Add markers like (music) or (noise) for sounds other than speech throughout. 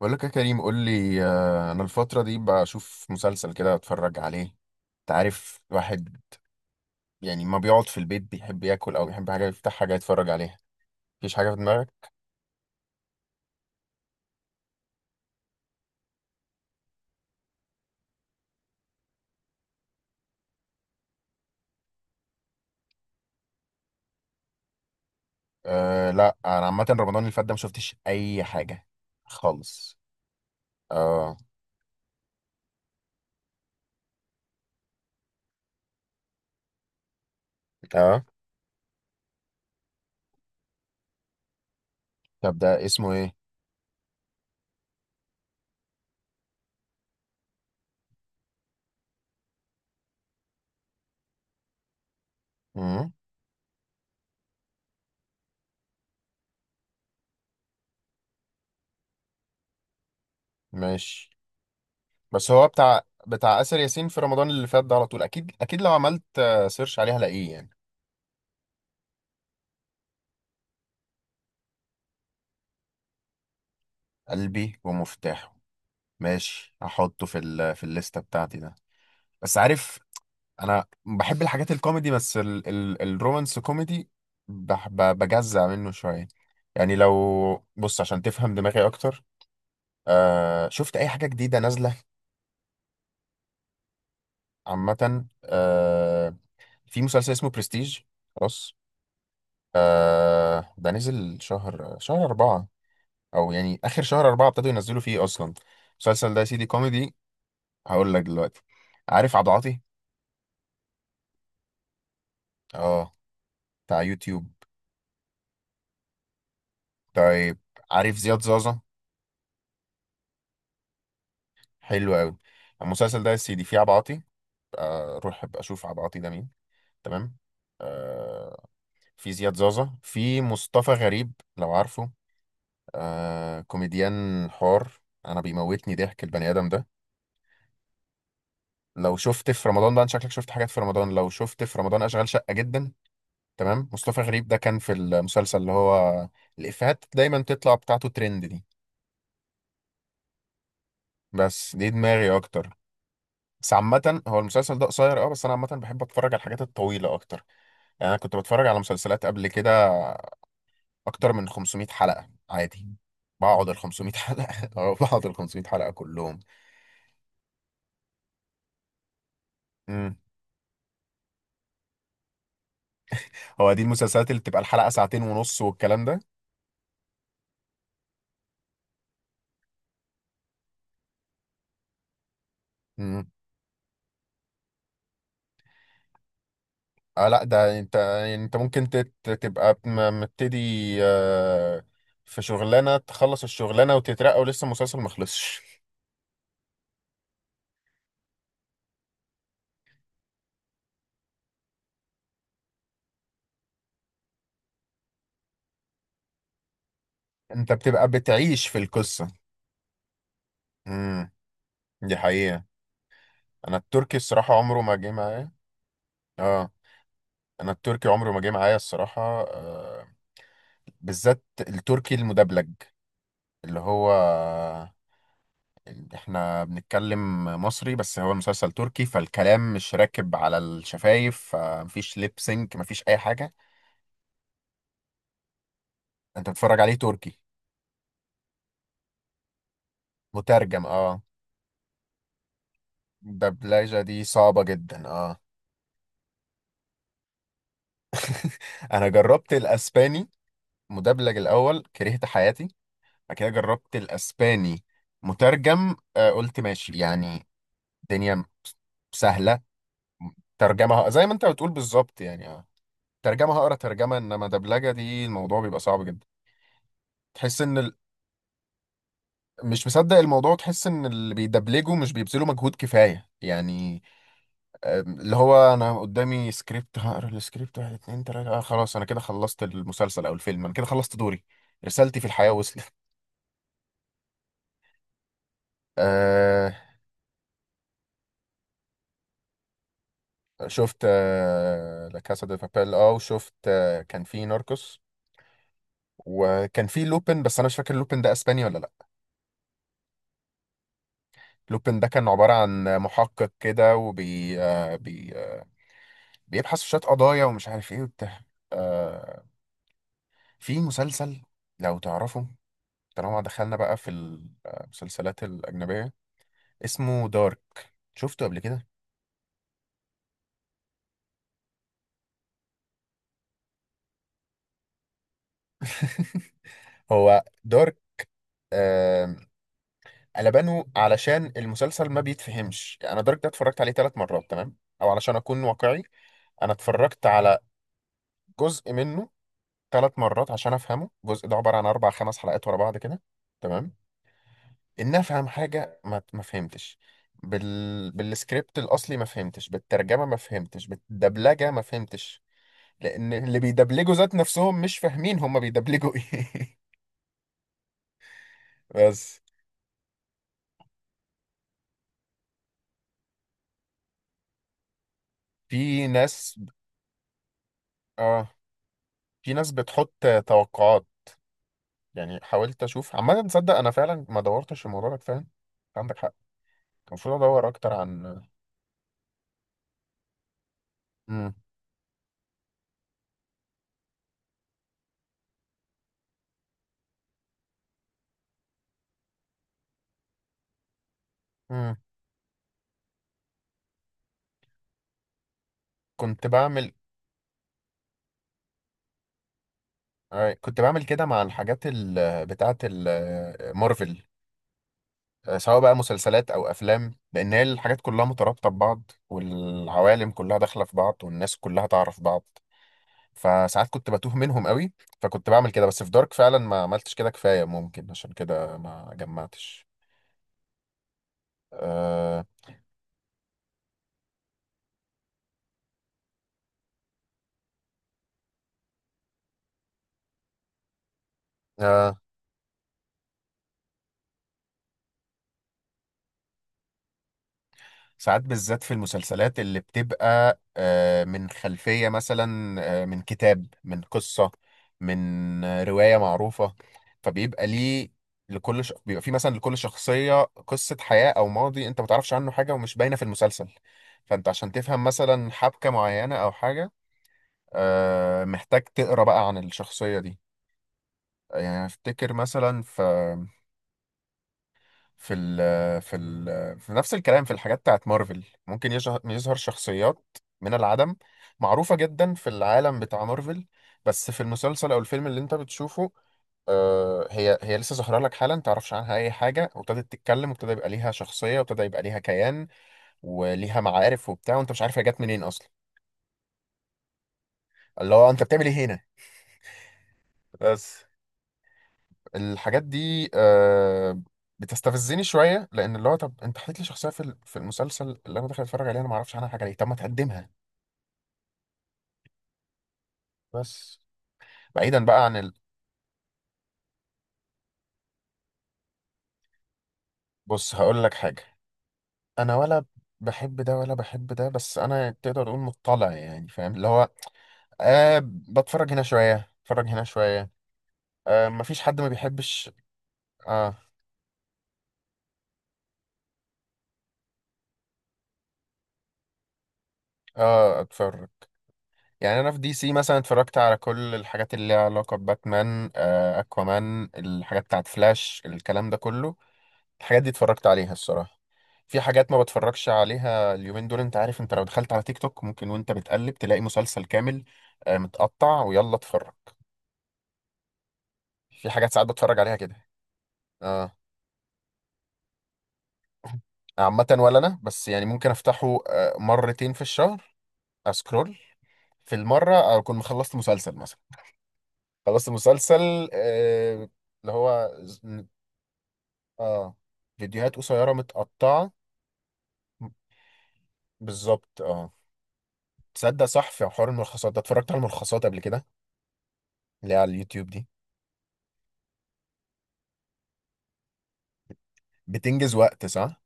بقول لك يا كريم، قول لي. انا الفتره دي بشوف مسلسل كده، اتفرج عليه. انت عارف الواحد يعني ما بيقعد في البيت، بيحب ياكل او بيحب حاجه، يفتح حاجه يتفرج عليها. مفيش حاجه في دماغك؟ أه لا، انا عامه رمضان اللي فات ده ما شفتش اي حاجه خالص. اه. اه. طب ده اسمه ايه؟ امم ماشي. بس هو بتاع آسر ياسين في رمضان اللي فات ده، على طول اكيد اكيد لو عملت سيرش عليه هلاقيه يعني. قلبي ومفتاحه، ماشي، هحطه في الليسته بتاعتي ده. بس عارف، انا بحب الحاجات الكوميدي، بس ال ال الرومانس كوميدي بجزع منه شوية. يعني لو بص عشان تفهم دماغي اكتر. شفت اي حاجة جديدة نازلة؟ عامة، في مسلسل اسمه برستيج. خلاص. ده نزل شهر أربعة، أو يعني آخر شهر أربعة ابتدوا ينزلوا فيه أصلا. المسلسل ده يا سيدي كوميدي. هقول لك دلوقتي. عارف عبد العاطي؟ اه، بتاع يوتيوب. طيب، عارف زياد زازا؟ حلو قوي. المسلسل ده يا سيدي فيه عبعاطي. اروح ابقى اشوف عبعاطي ده مين. تمام. آه، في زياد زازا، في مصطفى غريب لو عارفه، كوميديان حار. انا بيموتني ضحك البني ادم ده. لو شفت في رمضان ده، أنت شكلك شفت حاجات في رمضان، لو شفت في رمضان اشغال شقة جدا. تمام. مصطفى غريب ده كان في المسلسل اللي هو الافيهات دايما تطلع بتاعته ترند دي. بس دي دماغي اكتر. بس عامة، هو المسلسل ده قصير، اه، بس انا عامة بحب اتفرج على الحاجات الطويلة اكتر. يعني انا كنت بتفرج على مسلسلات قبل كده اكتر من 500 حلقة عادي. بقعد ال 500 حلقة (laughs) أو بقعد ال 500 حلقة كلهم. امم. هو دي المسلسلات اللي بتبقى الحلقة ساعتين ونص والكلام ده. امم. اه لا، ده انت، انت ممكن تبقى مبتدي. آه، في شغلانة تخلص الشغلانة وتترقى ولسه المسلسل مخلصش. انت بتبقى بتعيش في القصة. امم. دي حقيقة. انا التركي الصراحة عمره ما جه معايا. اه، انا التركي عمره ما جه معايا الصراحة. بالذات التركي المدبلج، اللي هو احنا بنتكلم مصري بس هو المسلسل تركي، فالكلام مش راكب على الشفايف، فمفيش ليب سينك، مفيش اي حاجة. انت بتتفرج عليه تركي مترجم؟ اه. الدبلجة دي صعبة جدا، اه. انا جربت الاسباني مدبلج الاول، كرهت حياتي. بعد كده جربت الاسباني مترجم، قلت ماشي يعني، الدنيا سهلة. ترجمة زي ما انت بتقول بالظبط يعني، اه. ترجمة هقرا ترجمة، انما دبلجة دي الموضوع بيبقى صعب جدا. تحس ان مش مصدق الموضوع، تحس ان اللي بيدبلجوا مش بيبذلوا مجهود كفاية يعني. اللي هو انا قدامي سكريبت، هقرا السكريبت واحد اتنين تلاتة، خلاص انا كده خلصت المسلسل او الفيلم، انا كده خلصت دوري. رسالتي في الحياة وصلت. (laughs) آه شفت لا كاسا دي بابيل، اه، وشفت كان في ناركوس، وكان في لوبن، بس انا مش فاكر لوبن ده اسباني ولا لا. لوبن ده كان عبارة عن محقق كده، وبي آه، بي بيبحث في شوية قضايا ومش عارف ايه وبتاع. آه في مسلسل، لو تعرفه، طالما دخلنا بقى في المسلسلات الأجنبية، اسمه دارك، شفته قبل كده؟ هو دارك. آه قلبانه علشان المسلسل ما بيتفهمش. أنا دارك ده اتفرجت عليه ثلاث مرات، تمام، أو علشان أكون واقعي، أنا اتفرجت على جزء منه ثلاث مرات عشان أفهمه. الجزء ده عبارة عن أربع خمس حلقات ورا بعض كده، تمام، ان افهم حاجه ما فهمتش. بالسكريبت الاصلي ما فهمتش، بالترجمه ما فهمتش، بالدبلجه ما فهمتش، لان اللي بيدبلجوا ذات نفسهم مش فاهمين هما بيدبلجوا ايه. (laughs) بس، في ناس، اه، في ناس بتحط توقعات. يعني حاولت اشوف، عامه تصدق انا فعلا ما دورتش في الموضوع ده كفايه. أنت عندك حق، كان المفروض ادور اكتر عن. مم. مم. كنت بعمل كنت بعمل كده مع الحاجات بتاعه مارفل، سواء بقى مسلسلات او افلام، لان هي الحاجات كلها مترابطه ببعض، والعوالم كلها داخله في بعض، والناس كلها تعرف بعض. فساعات كنت بتوه منهم قوي، فكنت بعمل كده، بس في دارك فعلا ما عملتش كده كفايه، ممكن عشان كده ما جمعتش. أه. أه. ساعات بالذات في المسلسلات اللي بتبقى من خلفية، مثلا من كتاب، من قصة، من رواية معروفة، فبيبقى ليه، بيبقى في مثلا لكل شخصية قصة حياة أو ماضي أنت ما تعرفش عنه حاجة، ومش باينة في المسلسل. فأنت عشان تفهم مثلا حبكة معينة أو حاجة، محتاج تقرأ بقى عن الشخصية دي. يعني أفتكر مثلا في ال في ال في نفس الكلام، في الحاجات بتاعت مارفل ممكن يظهر شخصيات من العدم، معروفة جدا في العالم بتاع مارفل، بس في المسلسل أو الفيلم اللي أنت بتشوفه، هي لسه ظاهرة لك حالا، متعرفش عنها أي حاجة، وابتدت تتكلم، وابتدى يبقى ليها شخصية، وابتدى يبقى ليها كيان، وليها معارف وبتاع، وأنت مش عارف هي جت منين أصلا. اللي هو أنت بتعمل إيه هنا؟ بس الحاجات دي بتستفزني شويه، لان اللي هو، طب انت حكيت لي شخصيه في المسلسل اللي انا داخل اتفرج عليها، انا ما اعرفش عنها حاجه، ليه؟ طب ما تقدمها. بس بعيدا بقى عن بص هقول لك حاجه. انا ولا بحب ده ولا بحب ده، بس انا تقدر تقول مطلع يعني، فاهم اللي هو، بتفرج هنا شويه، اتفرج هنا شويه. مفيش حد ما بيحبش. اه. اه. اتفرج. يعني انا في دي سي مثلا اتفرجت على كل الحاجات اللي ليها علاقه بباتمان، اكوامان، الحاجات بتاعت فلاش، الكلام ده كله، الحاجات دي اتفرجت عليها الصراحه. في حاجات ما بتفرجش عليها. اليومين دول انت عارف، انت لو دخلت على تيك توك ممكن وانت بتقلب تلاقي مسلسل كامل، متقطع، ويلا اتفرج. في حاجات ساعات بتفرج عليها كده، اه. عامه ولا انا، بس يعني ممكن افتحه مرتين في الشهر. اسكرول في المره، اكون مخلصت مسلسل مثلا، خلصت مسلسل، اللي هو، اه فيديوهات قصيرة متقطعة. بالظبط، اه. تصدق صح، في حوار الملخصات ده، اتفرجت على الملخصات قبل كده، اللي هي على اليوتيوب دي. بتنجز وقت، صح.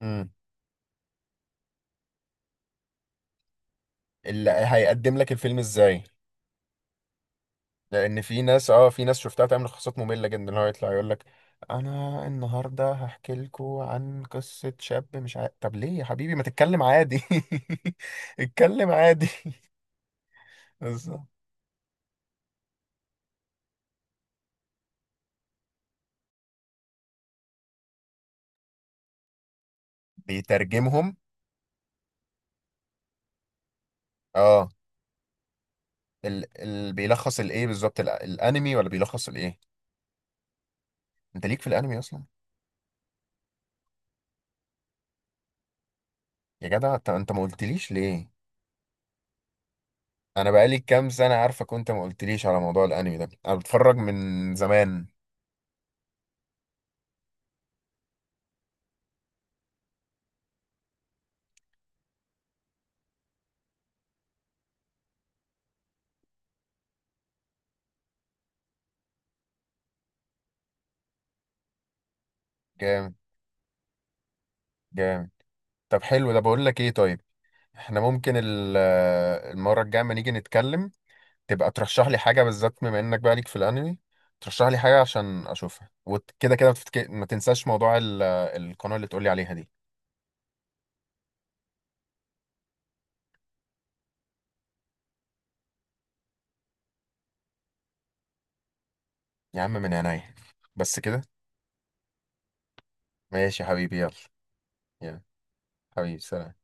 امم. اللي هيقدم لك الفيلم ازاي، لان في ناس، اه، في ناس شفتها تعمل لخصات مملة جدا، اللي هو يطلع يقول لك، انا النهارده هحكي لكم عن قصة شاب مش عارف. طب ليه يا حبيبي؟ ما تتكلم عادي. (laughs) اتكلم عادي. (laughs) بالظبط. بيترجمهم، اه. بيلخص الايه بالظبط، الانمي، ولا بيلخص الايه؟ انت ليك في الانمي اصلا؟ يا جدع انت، ما قلتليش ليه؟ انا بقالي كام سنه عارفك وانت ما قلتليش على موضوع الانمي ده، انا بتفرج من زمان. جامد. جامد. طب حلو. ده بقول لك ايه، طيب احنا ممكن المره الجايه لما نيجي نتكلم تبقى ترشح لي حاجه بالذات، بما انك بقى ليك في الانمي، ترشح لي حاجه عشان اشوفها. وكده كده ما تنساش موضوع القناه اللي تقولي عليها دي. يا عم من عينيا. بس كده. ماشي يا حبيبي، يلا. يلا حبيبي، سلام.